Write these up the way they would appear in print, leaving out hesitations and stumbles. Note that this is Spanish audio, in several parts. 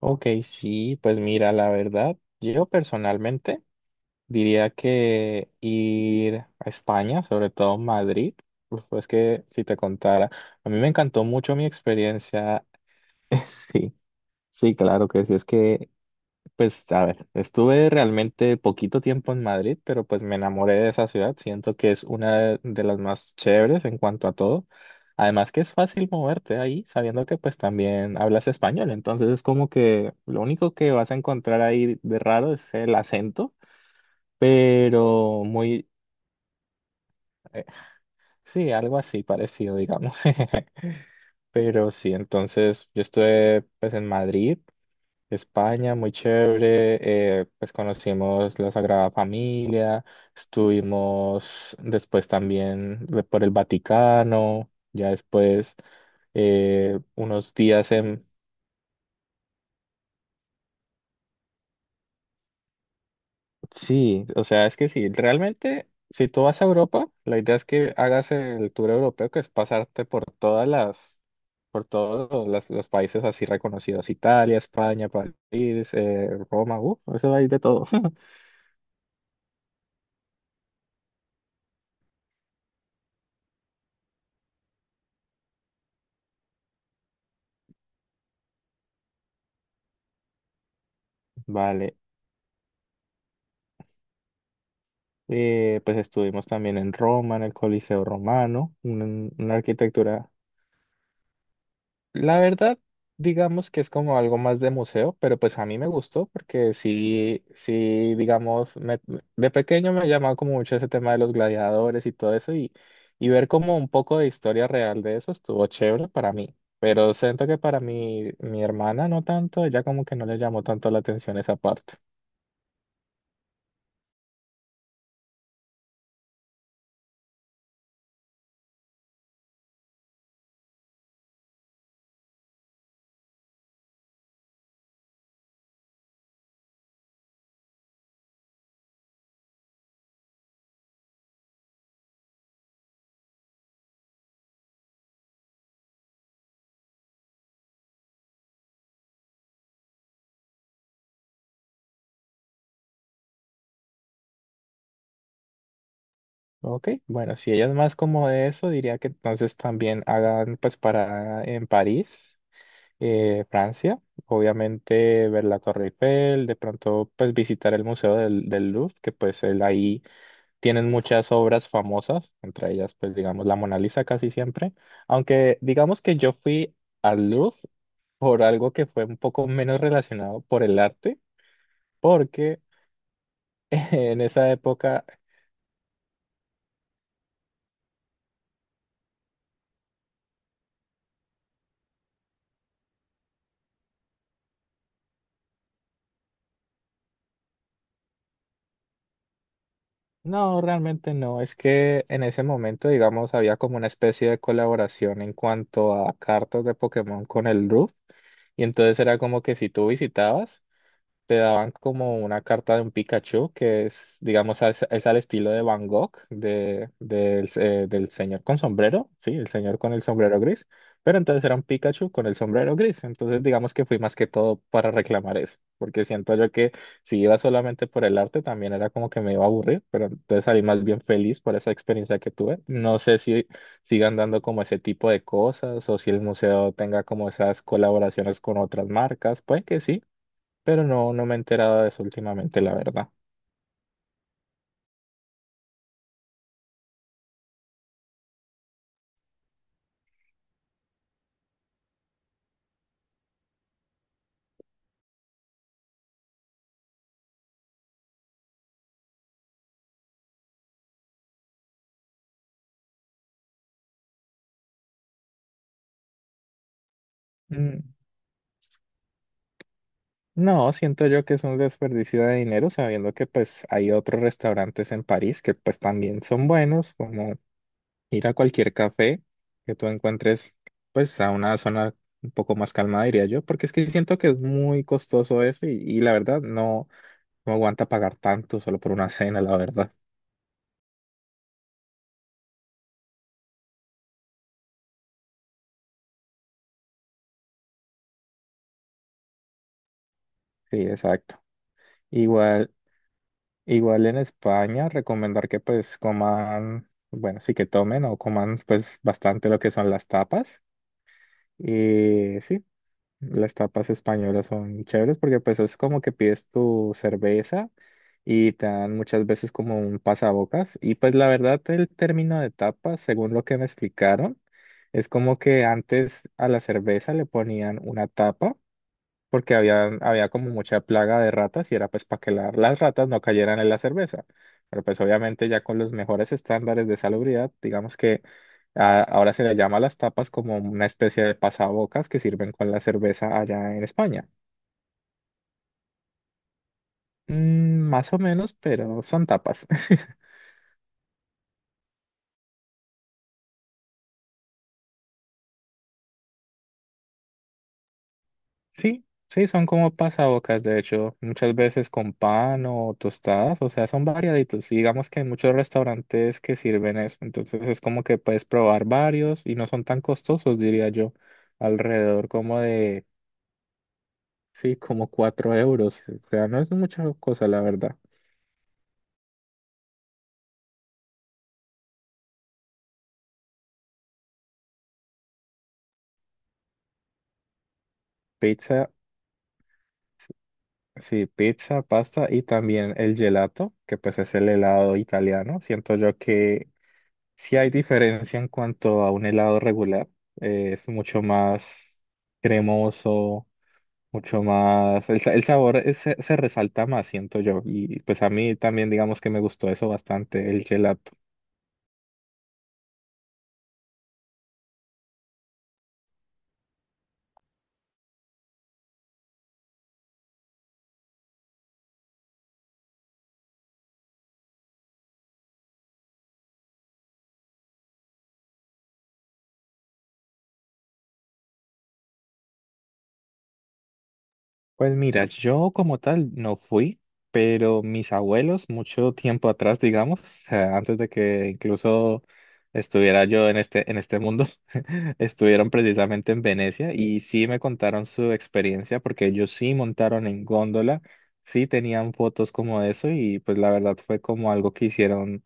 Ok, sí, pues mira, la verdad, yo personalmente diría que ir a España, sobre todo Madrid, uf, pues que si te contara, a mí me encantó mucho mi experiencia. Sí, sí, claro que sí, es que pues a ver, estuve realmente poquito tiempo en Madrid, pero pues me enamoré de esa ciudad. Siento que es una de las más chéveres en cuanto a todo. Además que es fácil moverte ahí, sabiendo que pues también hablas español. Entonces es como que lo único que vas a encontrar ahí de raro es el acento, pero muy, eh, sí, algo así parecido, digamos. Pero sí, entonces yo estuve pues en Madrid España, muy chévere. Pues conocimos la Sagrada Familia, estuvimos después también por el Vaticano, ya después unos días en... Sí, o sea, es que sí, realmente si tú vas a Europa, la idea es que hagas el tour europeo, que es pasarte por todas las, por todos los países así reconocidos, Italia, España, París, Roma, eso hay de todo. Vale. Pues estuvimos también en Roma, en el Coliseo Romano, una, arquitectura. La verdad, digamos que es como algo más de museo, pero pues a mí me gustó porque sí, sí, digamos, de pequeño me llamaba como mucho ese tema de los gladiadores y todo eso y ver como un poco de historia real de eso estuvo chévere para mí. Pero siento que para mi hermana no tanto, ella como que no le llamó tanto la atención esa parte. Ok, bueno, si ella es más como de eso, diría que entonces también hagan pues para en París, Francia, obviamente ver la Torre Eiffel, de pronto pues visitar el Museo del Louvre, que pues él ahí tienen muchas obras famosas, entre ellas pues digamos la Mona Lisa casi siempre, aunque digamos que yo fui al Louvre por algo que fue un poco menos relacionado por el arte, porque en esa época. No, realmente no. Es que en ese momento, digamos, había como una especie de colaboración en cuanto a cartas de Pokémon con el Roof. Y entonces era como que si tú visitabas, te daban como una carta de un Pikachu que es, digamos, es al estilo de Van Gogh, de, del del señor con sombrero, sí, el señor con el sombrero gris, pero entonces era un Pikachu con el sombrero gris, entonces digamos que fui más que todo para reclamar eso, porque siento yo que si iba solamente por el arte también era como que me iba a aburrir, pero entonces salí más bien feliz por esa experiencia que tuve. No sé si sigan dando como ese tipo de cosas o si el museo tenga como esas colaboraciones con otras marcas, puede que sí pero no, no me he enterado de eso últimamente, la verdad. Mm, no, siento yo que es un desperdicio de dinero, sabiendo que pues hay otros restaurantes en París que pues también son buenos, como ir a cualquier café que tú encuentres pues a una zona un poco más calmada, diría yo, porque es que siento que es muy costoso eso y la verdad no, no aguanta pagar tanto solo por una cena, la verdad. Sí, exacto. Igual. Igual en España, recomendar que pues coman, bueno, sí que tomen o coman pues bastante lo que son las tapas. Y sí, las tapas españolas son chéveres porque pues es como que pides tu cerveza y te dan muchas veces como un pasabocas. Y pues la verdad el término de tapas, según lo que me explicaron, es como que antes a la cerveza le ponían una tapa porque había como mucha plaga de ratas y era pues para que las ratas no cayeran en la cerveza. Pero pues obviamente ya con los mejores estándares de salubridad, digamos que ahora se le llama a las tapas como una especie de pasabocas que sirven con la cerveza allá en España. Mm, más o menos, pero son tapas. Sí, sí, son como pasabocas, de hecho, muchas veces con pan o tostadas, o sea, son variaditos. Y digamos que hay muchos restaurantes que sirven eso, entonces es como que puedes probar varios y no son tan costosos, diría yo, alrededor como de, sí, como 4 euros. O sea, no es mucha cosa, la verdad. Pizza, sí, pizza, pasta y también el gelato, que pues es el helado italiano. Siento yo que sí hay diferencia en cuanto a un helado regular. Es mucho más cremoso, mucho más... El sabor se resalta más, siento yo. Y pues a mí también digamos que me gustó eso bastante, el gelato. Pues mira, yo como tal no fui, pero mis abuelos mucho tiempo atrás, digamos, o sea, antes de que incluso estuviera yo en este mundo, estuvieron precisamente en Venecia y sí me contaron su experiencia porque ellos sí montaron en góndola, sí tenían fotos como eso y pues la verdad fue como algo que hicieron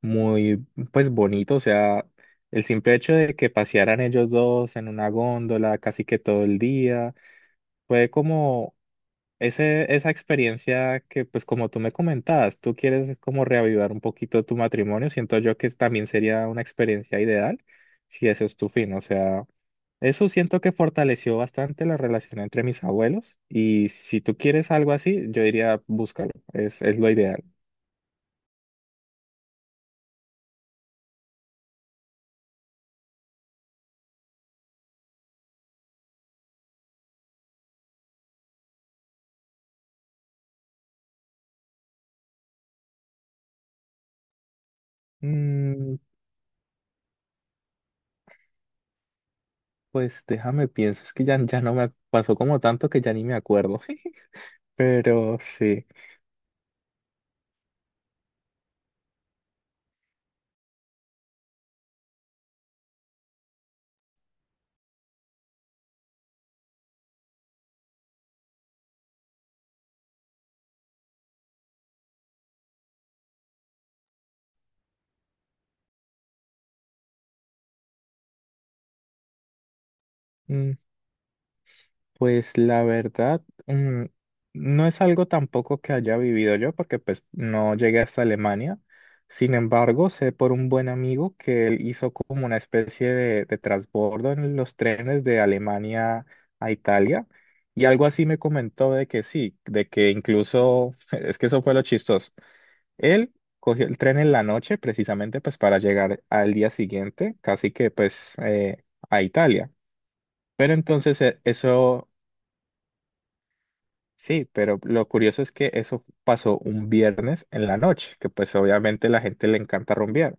muy pues bonito, o sea, el simple hecho de que pasearan ellos dos en una góndola casi que todo el día fue como esa experiencia que, pues como tú me comentabas, tú quieres como reavivar un poquito tu matrimonio, siento yo que también sería una experiencia ideal si ese es tu fin. O sea, eso siento que fortaleció bastante la relación entre mis abuelos y si tú quieres algo así, yo diría, búscalo, es lo ideal. Mm, pues déjame pienso, es que ya no me pasó como tanto que ya ni me acuerdo, pero sí. Pues la verdad, mm, no es algo tampoco que haya vivido yo, porque pues no llegué hasta Alemania. Sin embargo, sé por un buen amigo que él hizo como una especie de transbordo en los trenes de Alemania a Italia. Y algo así me comentó de que sí, de que incluso, es que eso fue lo chistoso. Él cogió el tren en la noche precisamente pues para llegar al día siguiente, casi que pues a Italia. Pero entonces eso. Sí, pero lo curioso es que eso pasó un viernes en la noche, que pues obviamente la gente le encanta rumbear.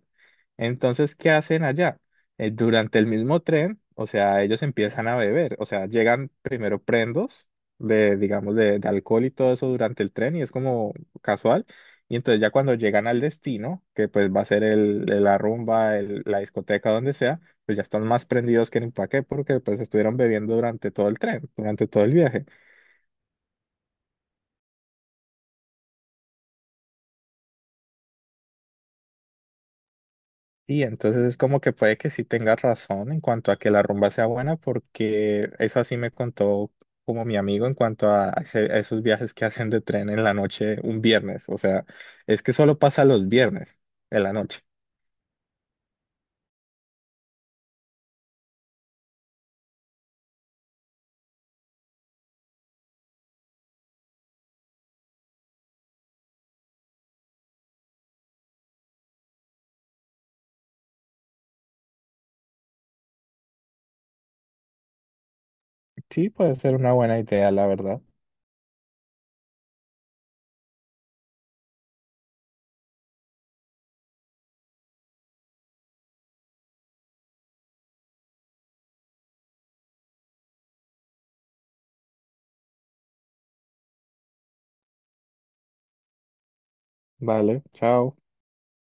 Entonces, ¿qué hacen allá? Durante el mismo tren, o sea, ellos empiezan a beber, o sea, llegan primero prendos de, digamos, de alcohol y todo eso durante el tren y es como casual. Y entonces ya cuando llegan al destino, que pues va a ser la rumba, la discoteca, donde sea, pues ya están más prendidos que ni pa' qué, porque pues estuvieron bebiendo durante todo el tren, durante todo el viaje. Sí, entonces es como que puede que sí tengas razón en cuanto a que la rumba sea buena, porque eso así me contó como mi amigo en cuanto a, a esos viajes que hacen de tren en la noche un viernes. O sea, es que solo pasa los viernes en la noche. Sí, puede ser una buena idea, la verdad. Vale, chao.